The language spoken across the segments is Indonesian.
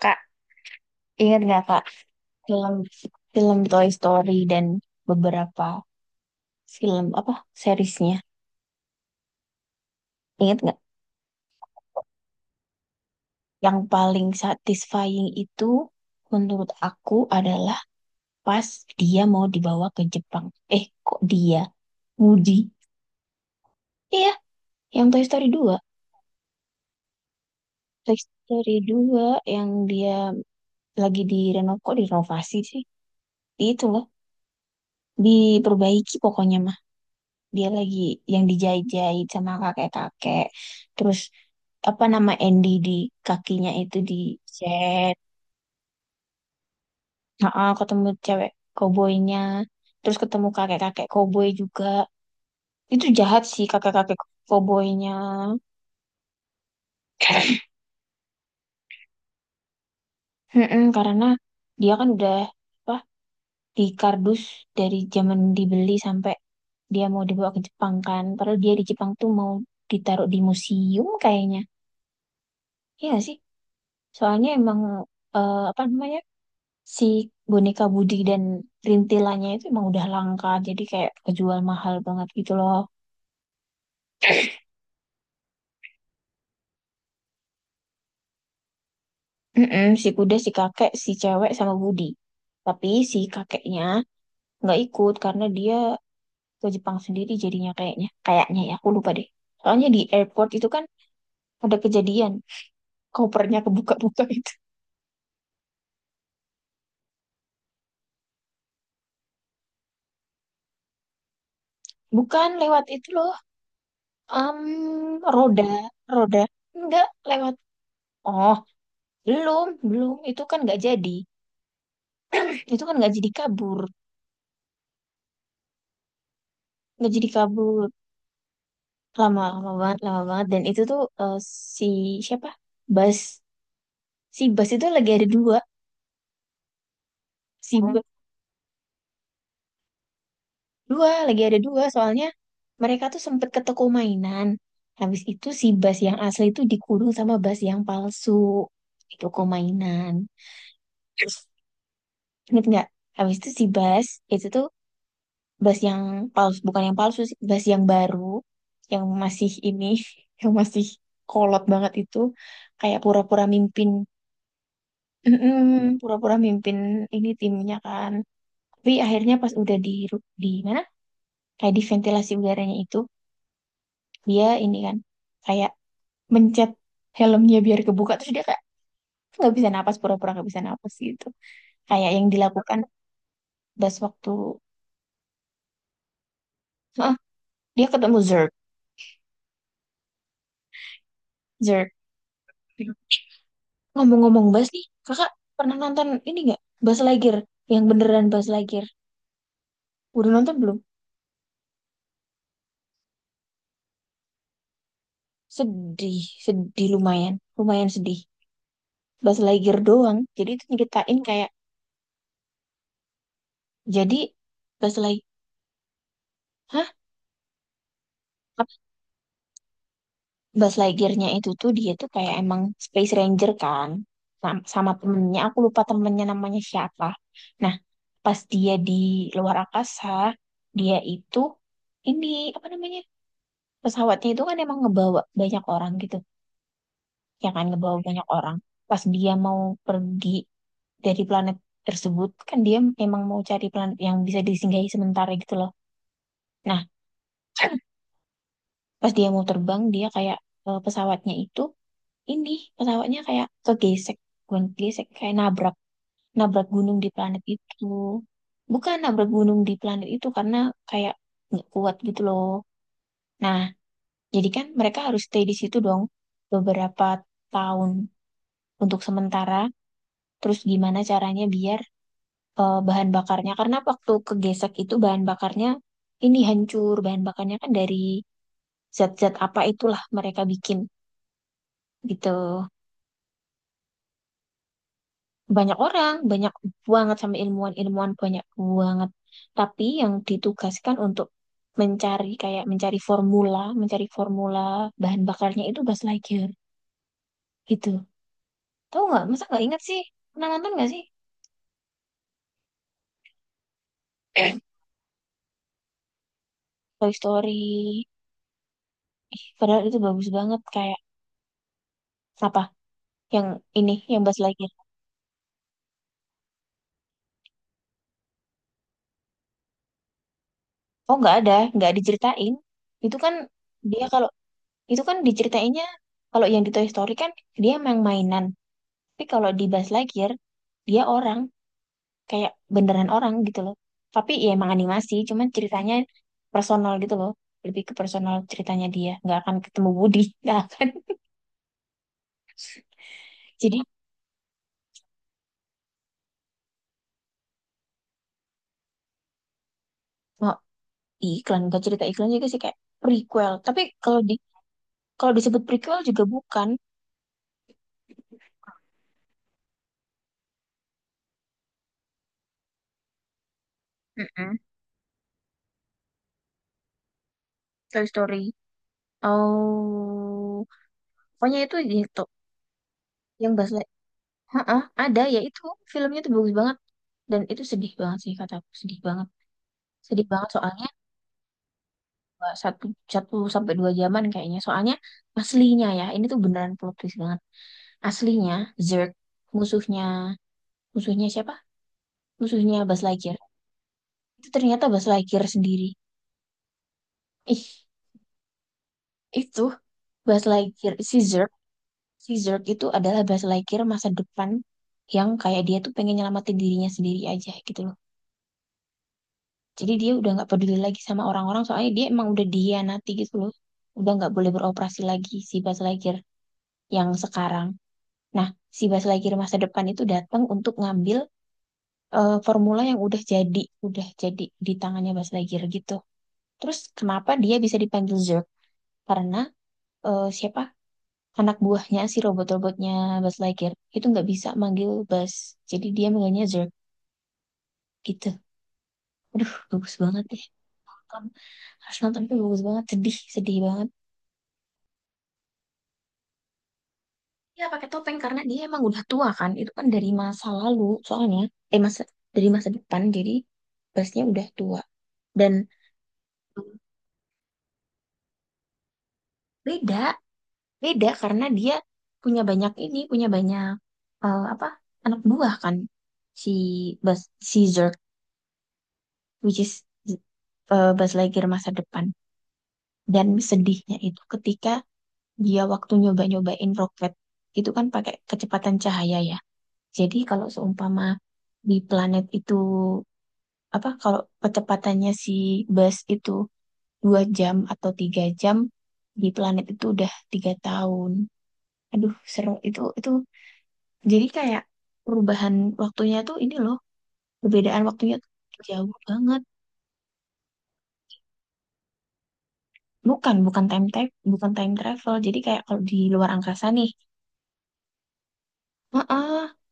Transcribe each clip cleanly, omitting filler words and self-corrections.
Kak, ingat nggak Kak film film Toy Story dan beberapa film apa seriesnya? Ingat nggak? Yang paling satisfying itu menurut aku adalah pas dia mau dibawa ke Jepang. Eh, kok dia? Woody. Iya, yang Toy Story dua. Toy Story dua yang dia lagi direnovasi sih? Itu loh, diperbaiki pokoknya dia lagi yang dijahit-jahit sama kakek-kakek terus apa nama Andy di kakinya itu dicet. Heeh, ketemu cewek koboynya terus ketemu kakek-kakek koboy juga, itu jahat sih kakek-kakek koboynya. Mm-mm, karena dia kan udah apa di kardus dari zaman dibeli sampai dia mau dibawa ke Jepang kan. Padahal dia di Jepang tuh mau ditaruh di museum kayaknya. Iya nggak sih. Soalnya emang apa namanya? Si boneka Budi dan rintilannya itu emang udah langka, jadi kayak kejual mahal banget gitu loh. Mm-mm, si kuda, si kakek, si cewek sama Budi, tapi si kakeknya nggak ikut karena dia ke Jepang sendiri jadinya, kayaknya kayaknya ya aku lupa deh. Soalnya di airport itu kan ada kejadian kopernya kebuka-buka itu. Bukan lewat itu loh, um, roda roda enggak lewat. Oh, belum belum itu kan nggak jadi, itu kan nggak jadi kabur. Nggak jadi kabur lama, lama banget, lama banget, dan itu tuh si siapa Bas, si Bas itu lagi ada dua, si Bas dua, lagi ada dua soalnya mereka tuh sempet ke toko mainan. Habis itu si Bas yang asli tuh dikurung sama Bas yang palsu di toko mainan, inget nggak? Habis itu si Bas itu tuh Bas yang palsu, bukan yang palsu sih, Bas yang baru, yang masih ini yang masih kolot banget itu, kayak pura-pura mimpin. Mm-mm, pura-pura mimpin ini timnya kan. Tapi akhirnya pas udah di ru- di mana? Kayak di ventilasi udaranya itu, dia ini kan kayak mencet helmnya biar kebuka, terus dia kayak nggak bisa napas, pura-pura nggak bisa napas gitu. Kayak yang dilakukan Bas waktu, heeh, dia ketemu Zerg. Zerg. Ngomong-ngomong Bas nih, kakak pernah nonton ini nggak? Bas Lightyear, yang beneran Bas Lightyear. Udah nonton belum? Sedih, sedih lumayan, lumayan sedih. Bas Lightyear doang. Jadi itu nyeritain kayak, jadi Buzz Lightyear, hah? Buzz Lightyear-nya itu tuh dia tuh kayak emang Space Ranger kan, sam- sama temennya. Aku lupa temennya namanya siapa. Nah, pas dia di luar angkasa, dia itu ini apa namanya, pesawatnya itu kan emang ngebawa banyak orang gitu, ya kan ngebawa banyak orang. Pas dia mau pergi dari planet tersebut, kan dia emang mau cari planet yang bisa disinggahi sementara gitu loh. Nah, pas dia mau terbang, dia kayak, eh, pesawatnya itu, ini pesawatnya kayak kegesek, bukan gesek, kayak nabrak nabrak gunung di planet itu, bukan nabrak gunung di planet itu karena kayak nggak kuat gitu loh. Nah, jadi kan mereka harus stay di situ dong beberapa tahun untuk sementara. Terus gimana caranya biar bahan bakarnya, karena waktu kegesek itu bahan bakarnya ini hancur, bahan bakarnya kan dari zat-zat apa itulah mereka bikin gitu. Banyak orang, banyak banget, sama ilmuwan-ilmuwan banyak banget. Tapi yang ditugaskan untuk mencari, kayak mencari formula bahan bakarnya itu Buzz Lightyear gitu. Tahu nggak? Masa nggak ingat sih? Pernah nonton nggak sih? Toy Story. Ih, padahal itu bagus banget kayak, apa? Yang ini, yang Buzz Lightyear. Oh nggak ada, nggak diceritain. Itu kan dia kalau, itu kan diceritainnya kalau yang di Toy Story kan dia emang mainan. Tapi kalau di Buzz Lightyear dia orang, kayak beneran orang gitu loh, tapi ya emang animasi, cuman ceritanya personal gitu loh, lebih ke personal ceritanya, dia nggak akan ketemu Budi nggak akan, jadi mau iklan, nggak cerita iklan juga sih, kayak prequel, tapi kalau di, kalau disebut prequel juga bukan. Mm-mm. Toy Story, oh pokoknya itu gitu, yang bahasa, heeh, ada ya itu, filmnya tuh bagus banget dan itu sedih banget sih, kata aku sedih banget, sedih banget soalnya, eh, satu satu sampai dua jaman kayaknya. Soalnya aslinya ya, ini tuh beneran plot twist banget. Aslinya Zerg musuhnya, musuhnya siapa? Musuhnya Buzz Lightyear. Itu ternyata Buzz Lightyear sendiri. Ih, itu Buzz Lightyear si Zerg itu adalah Buzz Lightyear masa depan, yang kayak dia tuh pengen nyelamatin dirinya sendiri aja gitu loh. Jadi dia udah nggak peduli lagi sama orang-orang, soalnya dia emang udah dihianati gitu loh. Udah nggak boleh beroperasi lagi si Buzz Lightyear yang sekarang. Nah, si Baslagir masa depan itu datang untuk ngambil, formula yang udah jadi di tangannya Baslagir gitu. Terus kenapa dia bisa dipanggil Zerg? Karena siapa? Anak buahnya, si robot-robotnya Baslagir itu nggak bisa manggil Bas. Jadi dia manggilnya Zerg gitu. Aduh, bagus banget deh. Nonton. Harus nonton, itu bagus banget, sedih, sedih banget. Iya pakai topeng karena dia emang udah tua kan. Itu kan dari masa lalu soalnya. Eh masa, dari masa depan, jadi busnya udah tua. Dan beda, beda karena dia punya banyak apa, anak buah kan si Buzz, si Zurg, which is, eh, Buzz Lightyear masa depan. Dan sedihnya itu ketika dia waktu nyoba-nyobain roket itu kan pakai kecepatan cahaya ya, jadi kalau seumpama di planet itu apa, kalau kecepatannya si bus itu 2 jam atau 3 jam, di planet itu udah 3 tahun. Aduh, seru itu itu. Jadi kayak perubahan waktunya tuh ini loh, perbedaan waktunya tuh jauh banget. Bukan, bukan time travel, bukan time travel. Jadi kayak kalau di luar angkasa nih, heeh.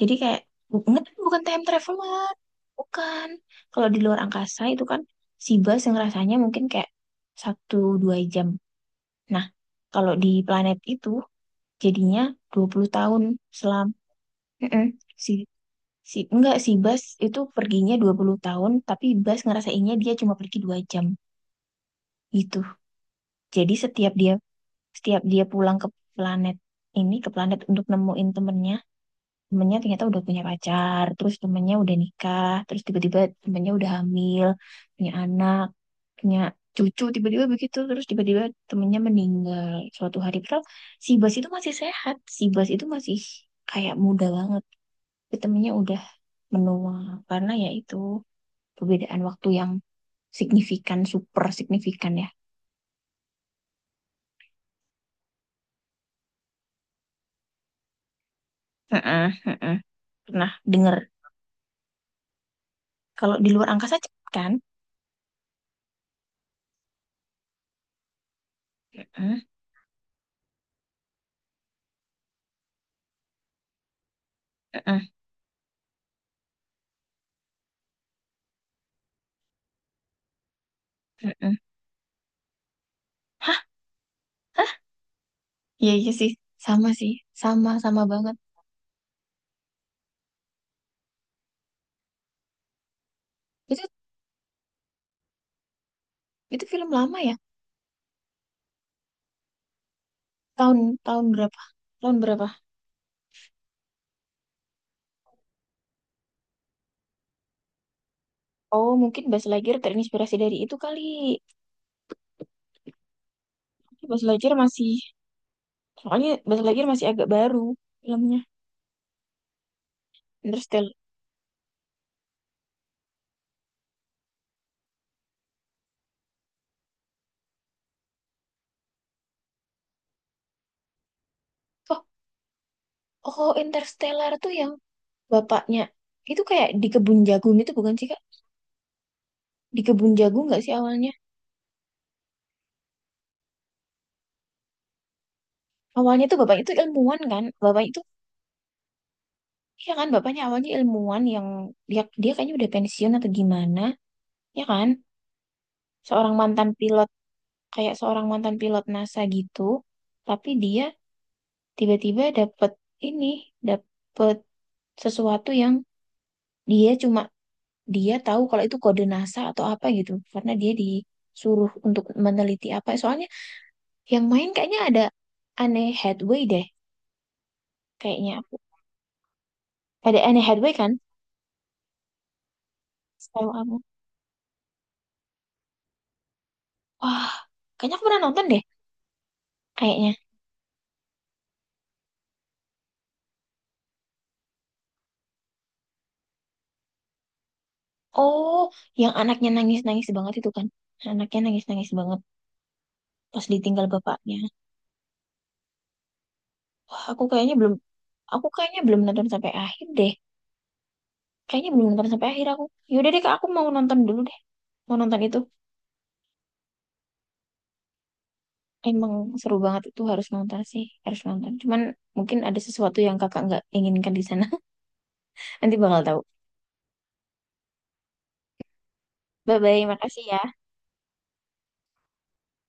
Jadi kayak bu- bukan time travel banget. Bukan. Kalau di luar angkasa itu kan si bus yang rasanya mungkin kayak 1 2 jam, nah, kalau di planet itu jadinya 20 tahun selam. Mm-mm. Si, si, enggak, si Bas itu perginya 20 tahun, tapi Bas ngerasainnya dia cuma pergi 2 jam. Gitu. Jadi setiap dia, setiap dia pulang ke planet ini, ke planet untuk nemuin temennya, temennya ternyata udah punya pacar, terus temennya udah nikah, terus tiba-tiba temennya udah hamil, punya anak, punya cucu tiba-tiba begitu, terus tiba-tiba temennya meninggal suatu hari padahal si Bas itu masih sehat, si Bas itu masih kayak muda banget, tapi temennya udah menua, karena ya itu perbedaan waktu yang signifikan, super signifikan ya. Heeh, heeh. Pernah dengar kalau di luar angkasa cepet kan. Heeh, heeh, heeh. Hah, iya iya sih, sama sih, sama sama banget itu. Itu film lama ya, tahun, tahun berapa, tahun berapa? Oh, mungkin Bas Lightyear terinspirasi dari itu kali. Tapi Bas Lightyear masih, soalnya Bas Lightyear masih agak baru filmnya, Interstellar. Oh, oh Interstellar tuh yang bapaknya. Itu kayak di kebun jagung itu bukan sih, Kak? Di kebun jagung nggak sih awalnya? Awalnya tuh bapaknya tuh ilmuwan kan? Bapak itu, iya kan? Bapaknya awalnya ilmuwan yang, dia, dia kayaknya udah pensiun atau gimana, ya kan? Seorang mantan pilot, kayak seorang mantan pilot NASA gitu. Tapi dia tiba-tiba dapet ini, dapet sesuatu yang, dia cuma, dia tahu kalau itu kode NASA atau apa gitu, karena dia disuruh untuk meneliti apa soalnya, yang main kayaknya ada Anne Hathaway deh, kayaknya aku, ada Anne Hathaway kan, setahu aku. Wah, kayaknya aku pernah nonton deh, kayaknya. Oh, yang anaknya nangis-nangis banget itu kan, anaknya nangis-nangis banget pas ditinggal bapaknya. Wah, aku kayaknya belum, aku kayaknya belum nonton sampai akhir deh. Kayaknya belum nonton sampai akhir aku. Yaudah deh, Kak, aku mau nonton dulu deh. Mau nonton itu. Emang seru banget, itu harus nonton sih, harus nonton. Cuman mungkin ada sesuatu yang kakak nggak inginkan di sana. Nanti bakal tahu. Bye bye, makasih ya.